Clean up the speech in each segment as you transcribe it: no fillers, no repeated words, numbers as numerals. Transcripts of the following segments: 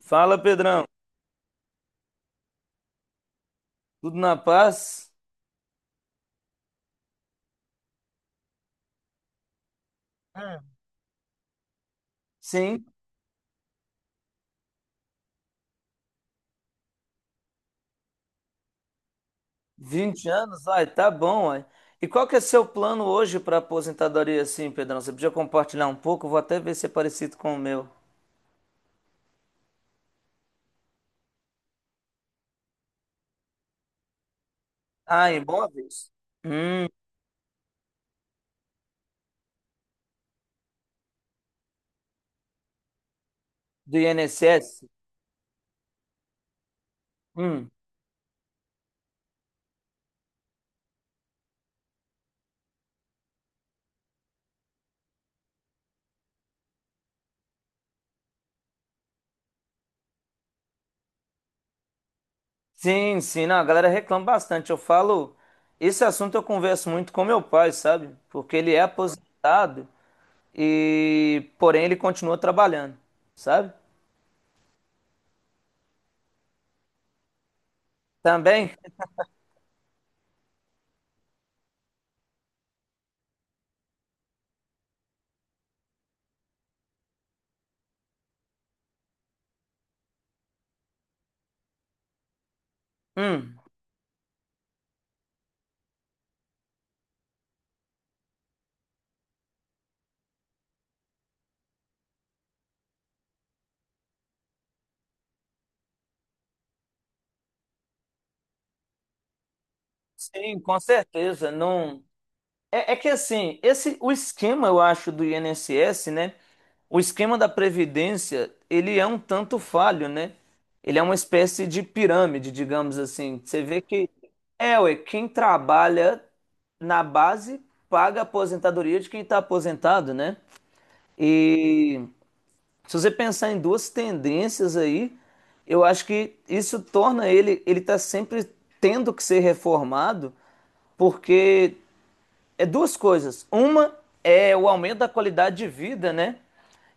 Fala, Pedrão. Tudo na paz? É. Sim. Vinte anos? Ai, tá bom, ai. E qual que é seu plano hoje para aposentadoria, assim, Pedrão? Você podia compartilhar um pouco? Eu vou até ver se é parecido com o meu. Ah, em imóveis? Hum, do INSS? Hum. Sim, sim. Não, a galera reclama bastante. Eu falo... Esse assunto eu converso muito com meu pai, sabe? Porque ele é aposentado e... Porém, ele continua trabalhando, sabe? Também? Hum. Sim, com certeza. Não é, é que assim, esse o esquema eu acho do INSS, né? O esquema da previdência, ele é um tanto falho, né? Ele é uma espécie de pirâmide, digamos assim. Você vê que é, ué, quem trabalha na base paga a aposentadoria de quem está aposentado, né? E se você pensar em duas tendências aí, eu acho que isso torna ele tá sempre tendo que ser reformado, porque é duas coisas. Uma é o aumento da qualidade de vida, né?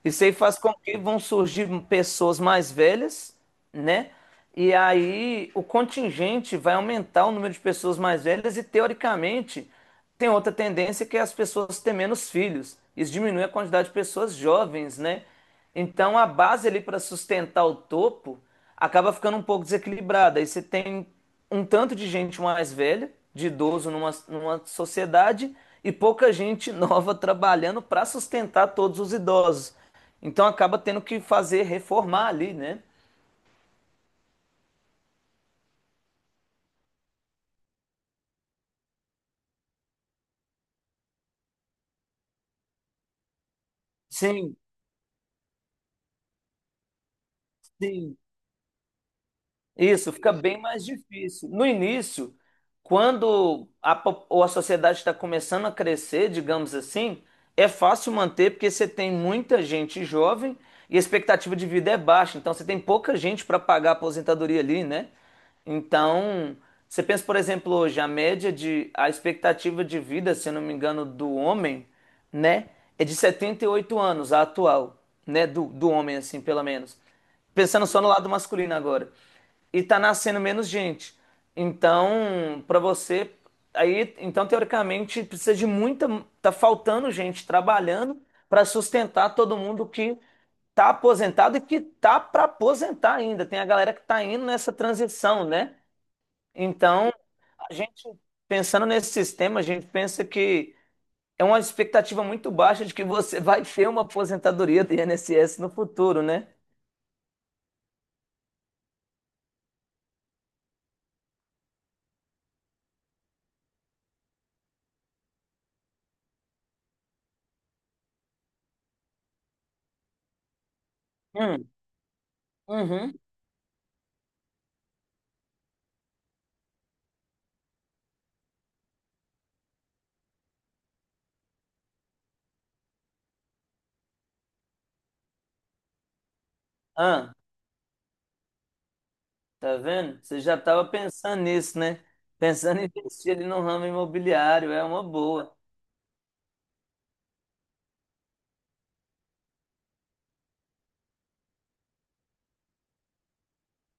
Isso aí faz com que vão surgir pessoas mais velhas, né? E aí o contingente vai aumentar o número de pessoas mais velhas e, teoricamente, tem outra tendência que é as pessoas terem menos filhos. Isso diminui a quantidade de pessoas jovens, né? Então a base ali para sustentar o topo acaba ficando um pouco desequilibrada. Aí você tem um tanto de gente mais velha, de idoso numa, numa sociedade e pouca gente nova trabalhando para sustentar todos os idosos. Então acaba tendo que fazer reformar ali, né? Sim, sim. Isso fica bem mais difícil. No início, quando a, po- ou a sociedade está começando a crescer, digamos assim, é fácil manter porque você tem muita gente jovem e a expectativa de vida é baixa, então você tem pouca gente para pagar a aposentadoria ali, né? Então, você pensa, por exemplo, hoje, a média de, a expectativa de vida, se eu não me engano, do homem, né, é de 78 anos, a atual, né, do, do homem, assim, pelo menos. Pensando só no lado masculino agora e tá nascendo menos gente. Então, para você, aí, então teoricamente precisa de muita, tá faltando gente trabalhando para sustentar todo mundo que tá aposentado e que tá para aposentar ainda. Tem a galera que tá indo nessa transição, né? Então, a gente pensando nesse sistema, a gente pensa que é uma expectativa muito baixa de que você vai ter uma aposentadoria do INSS no futuro, né? Hum, uhum. Tá vendo? Você já estava pensando nisso, né? Pensando em investir ali no ramo imobiliário, é uma boa.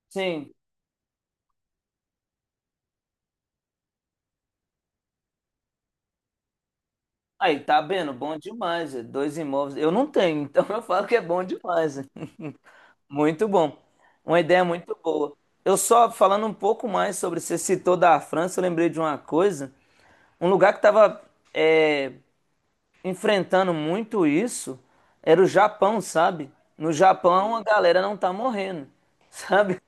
Sim. Aí, tá vendo? Bom demais. É. Dois imóveis. Eu não tenho, então eu falo que é bom demais. É. Muito bom. Uma ideia muito boa. Eu só falando um pouco mais sobre, você citou da França, eu lembrei de uma coisa. Um lugar que estava enfrentando muito isso era o Japão, sabe? No Japão, a galera não tá morrendo, sabe?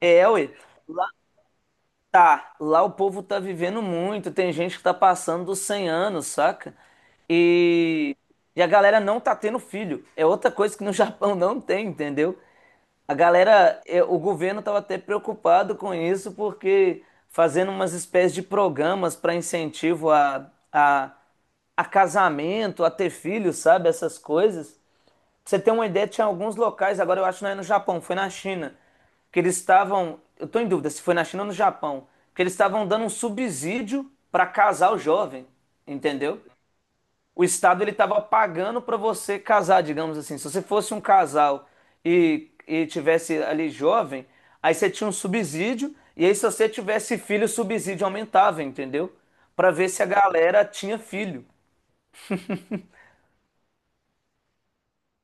É, ué. Tá, lá o povo tá vivendo muito, tem gente que tá passando dos 100 anos, saca? E, e a galera não tá tendo filho. É outra coisa que no Japão não tem, entendeu? A galera, é, o governo tava até preocupado com isso, porque fazendo umas espécies de programas para incentivo a casamento, a ter filho, sabe? Essas coisas. Pra você ter uma ideia, tinha alguns locais, agora eu acho que não é no Japão, foi na China, que eles estavam, eu tô em dúvida se foi na China ou no Japão, que eles estavam dando um subsídio para casar o jovem, entendeu? O Estado ele estava pagando para você casar, digamos assim. Se você fosse um casal e tivesse ali jovem, aí você tinha um subsídio, e aí se você tivesse filho, o subsídio aumentava, entendeu? Para ver se a galera tinha filho.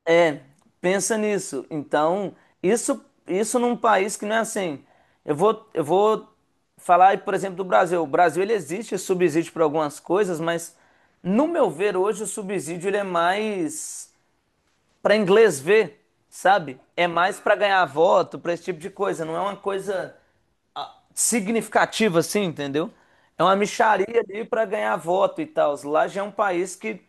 É, pensa nisso. Então, isso num país que não é assim. Eu vou falar, aí, por exemplo, do Brasil. O Brasil ele existe subsídio para algumas coisas, mas no meu ver hoje o subsídio ele é mais para inglês ver, sabe? É mais para ganhar voto, para esse tipo de coisa. Não é uma coisa ah, significativa assim, entendeu? É uma mixaria ali para ganhar voto e tal. Lá já é um país que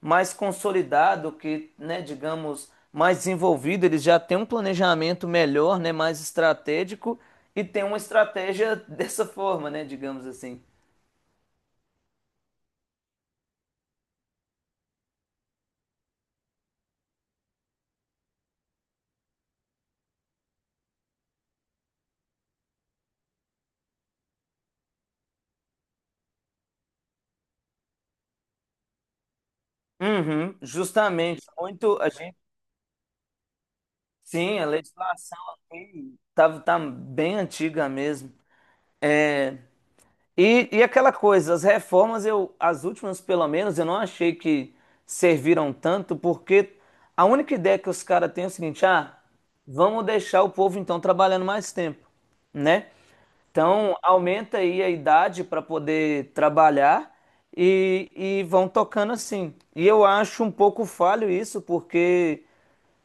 mais consolidado, que, né, digamos, mais desenvolvido, eles já têm um planejamento melhor, né, mais estratégico e tem uma estratégia dessa forma, né, digamos assim. Uhum, justamente, muito a gente. Sim, a legislação aqui tá bem antiga mesmo. É, e aquela coisa, as reformas, eu, as últimas pelo menos, eu não achei que serviram tanto, porque a única ideia que os caras têm é o seguinte, ah, vamos deixar o povo então trabalhando mais tempo, né? Então, aumenta aí a idade para poder trabalhar e vão tocando assim. E eu acho um pouco falho isso, porque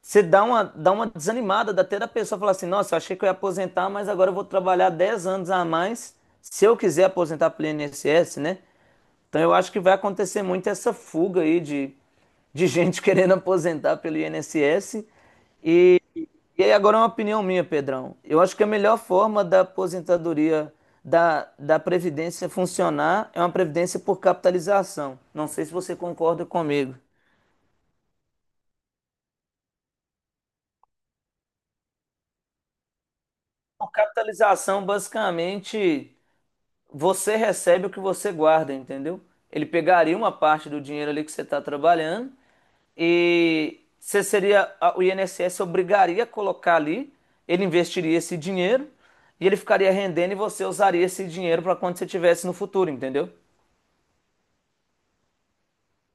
você dá uma desanimada, dá até da pessoa falar assim: nossa, eu achei que eu ia aposentar, mas agora eu vou trabalhar 10 anos a mais se eu quiser aposentar pelo INSS, né? Então eu acho que vai acontecer muito essa fuga aí de gente querendo aposentar pelo INSS. E, e aí agora é uma opinião minha, Pedrão. Eu acho que a melhor forma da aposentadoria, da, da Previdência funcionar é uma Previdência por capitalização. Não sei se você concorda comigo. Por capitalização, basicamente. Você recebe o que você guarda, entendeu? Ele pegaria uma parte do dinheiro ali que você está trabalhando e você seria, a- o INSS obrigaria a colocar ali, ele investiria esse dinheiro e ele ficaria rendendo e você usaria esse dinheiro para quando você tivesse no futuro, entendeu?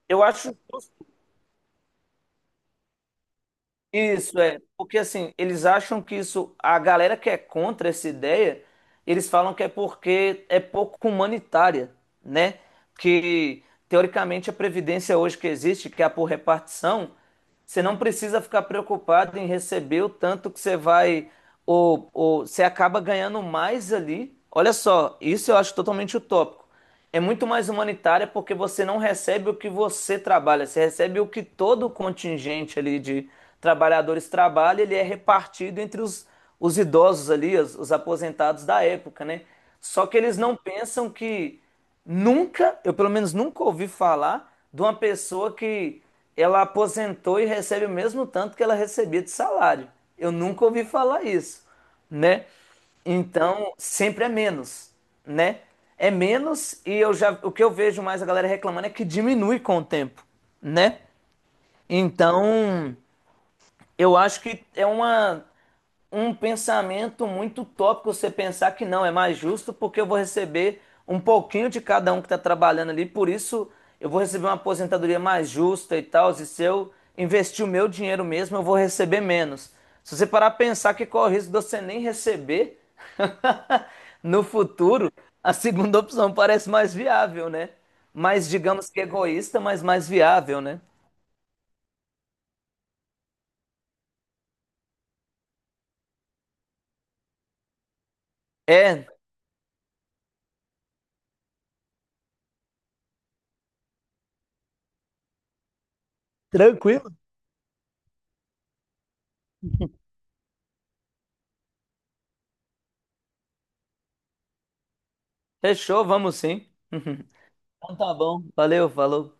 Eu acho. Isso é, porque assim, eles acham que isso, a galera que é contra essa ideia, eles falam que é porque é pouco humanitária, né? Que teoricamente a previdência hoje que existe, que é a por repartição, você não precisa ficar preocupado em receber o tanto que você vai, ou você acaba ganhando mais ali. Olha só, isso eu acho totalmente utópico. É muito mais humanitária porque você não recebe o que você trabalha, você recebe o que todo o contingente ali de trabalhadores trabalha, ele é repartido entre os idosos ali, os aposentados da época, né? Só que eles não pensam que nunca, eu pelo menos nunca ouvi falar de uma pessoa que ela aposentou e recebe o mesmo tanto que ela recebia de salário. Eu nunca ouvi falar isso, né? Então, sempre é menos, né? É menos e eu já, o que eu vejo mais a galera reclamando é que diminui com o tempo, né? Então, eu acho que é uma um pensamento muito utópico você pensar que não, é mais justo porque eu vou receber um pouquinho de cada um que está trabalhando ali, por isso eu vou receber uma aposentadoria mais justa e tal, e se eu investir o meu dinheiro mesmo, eu vou receber menos. Se você parar a pensar que corre o risco de você nem receber no futuro, a segunda opção parece mais viável, né? Mais, digamos que egoísta, mas mais viável, né? É. Tranquilo? Fechou, vamos sim. Então tá bom, valeu, falou.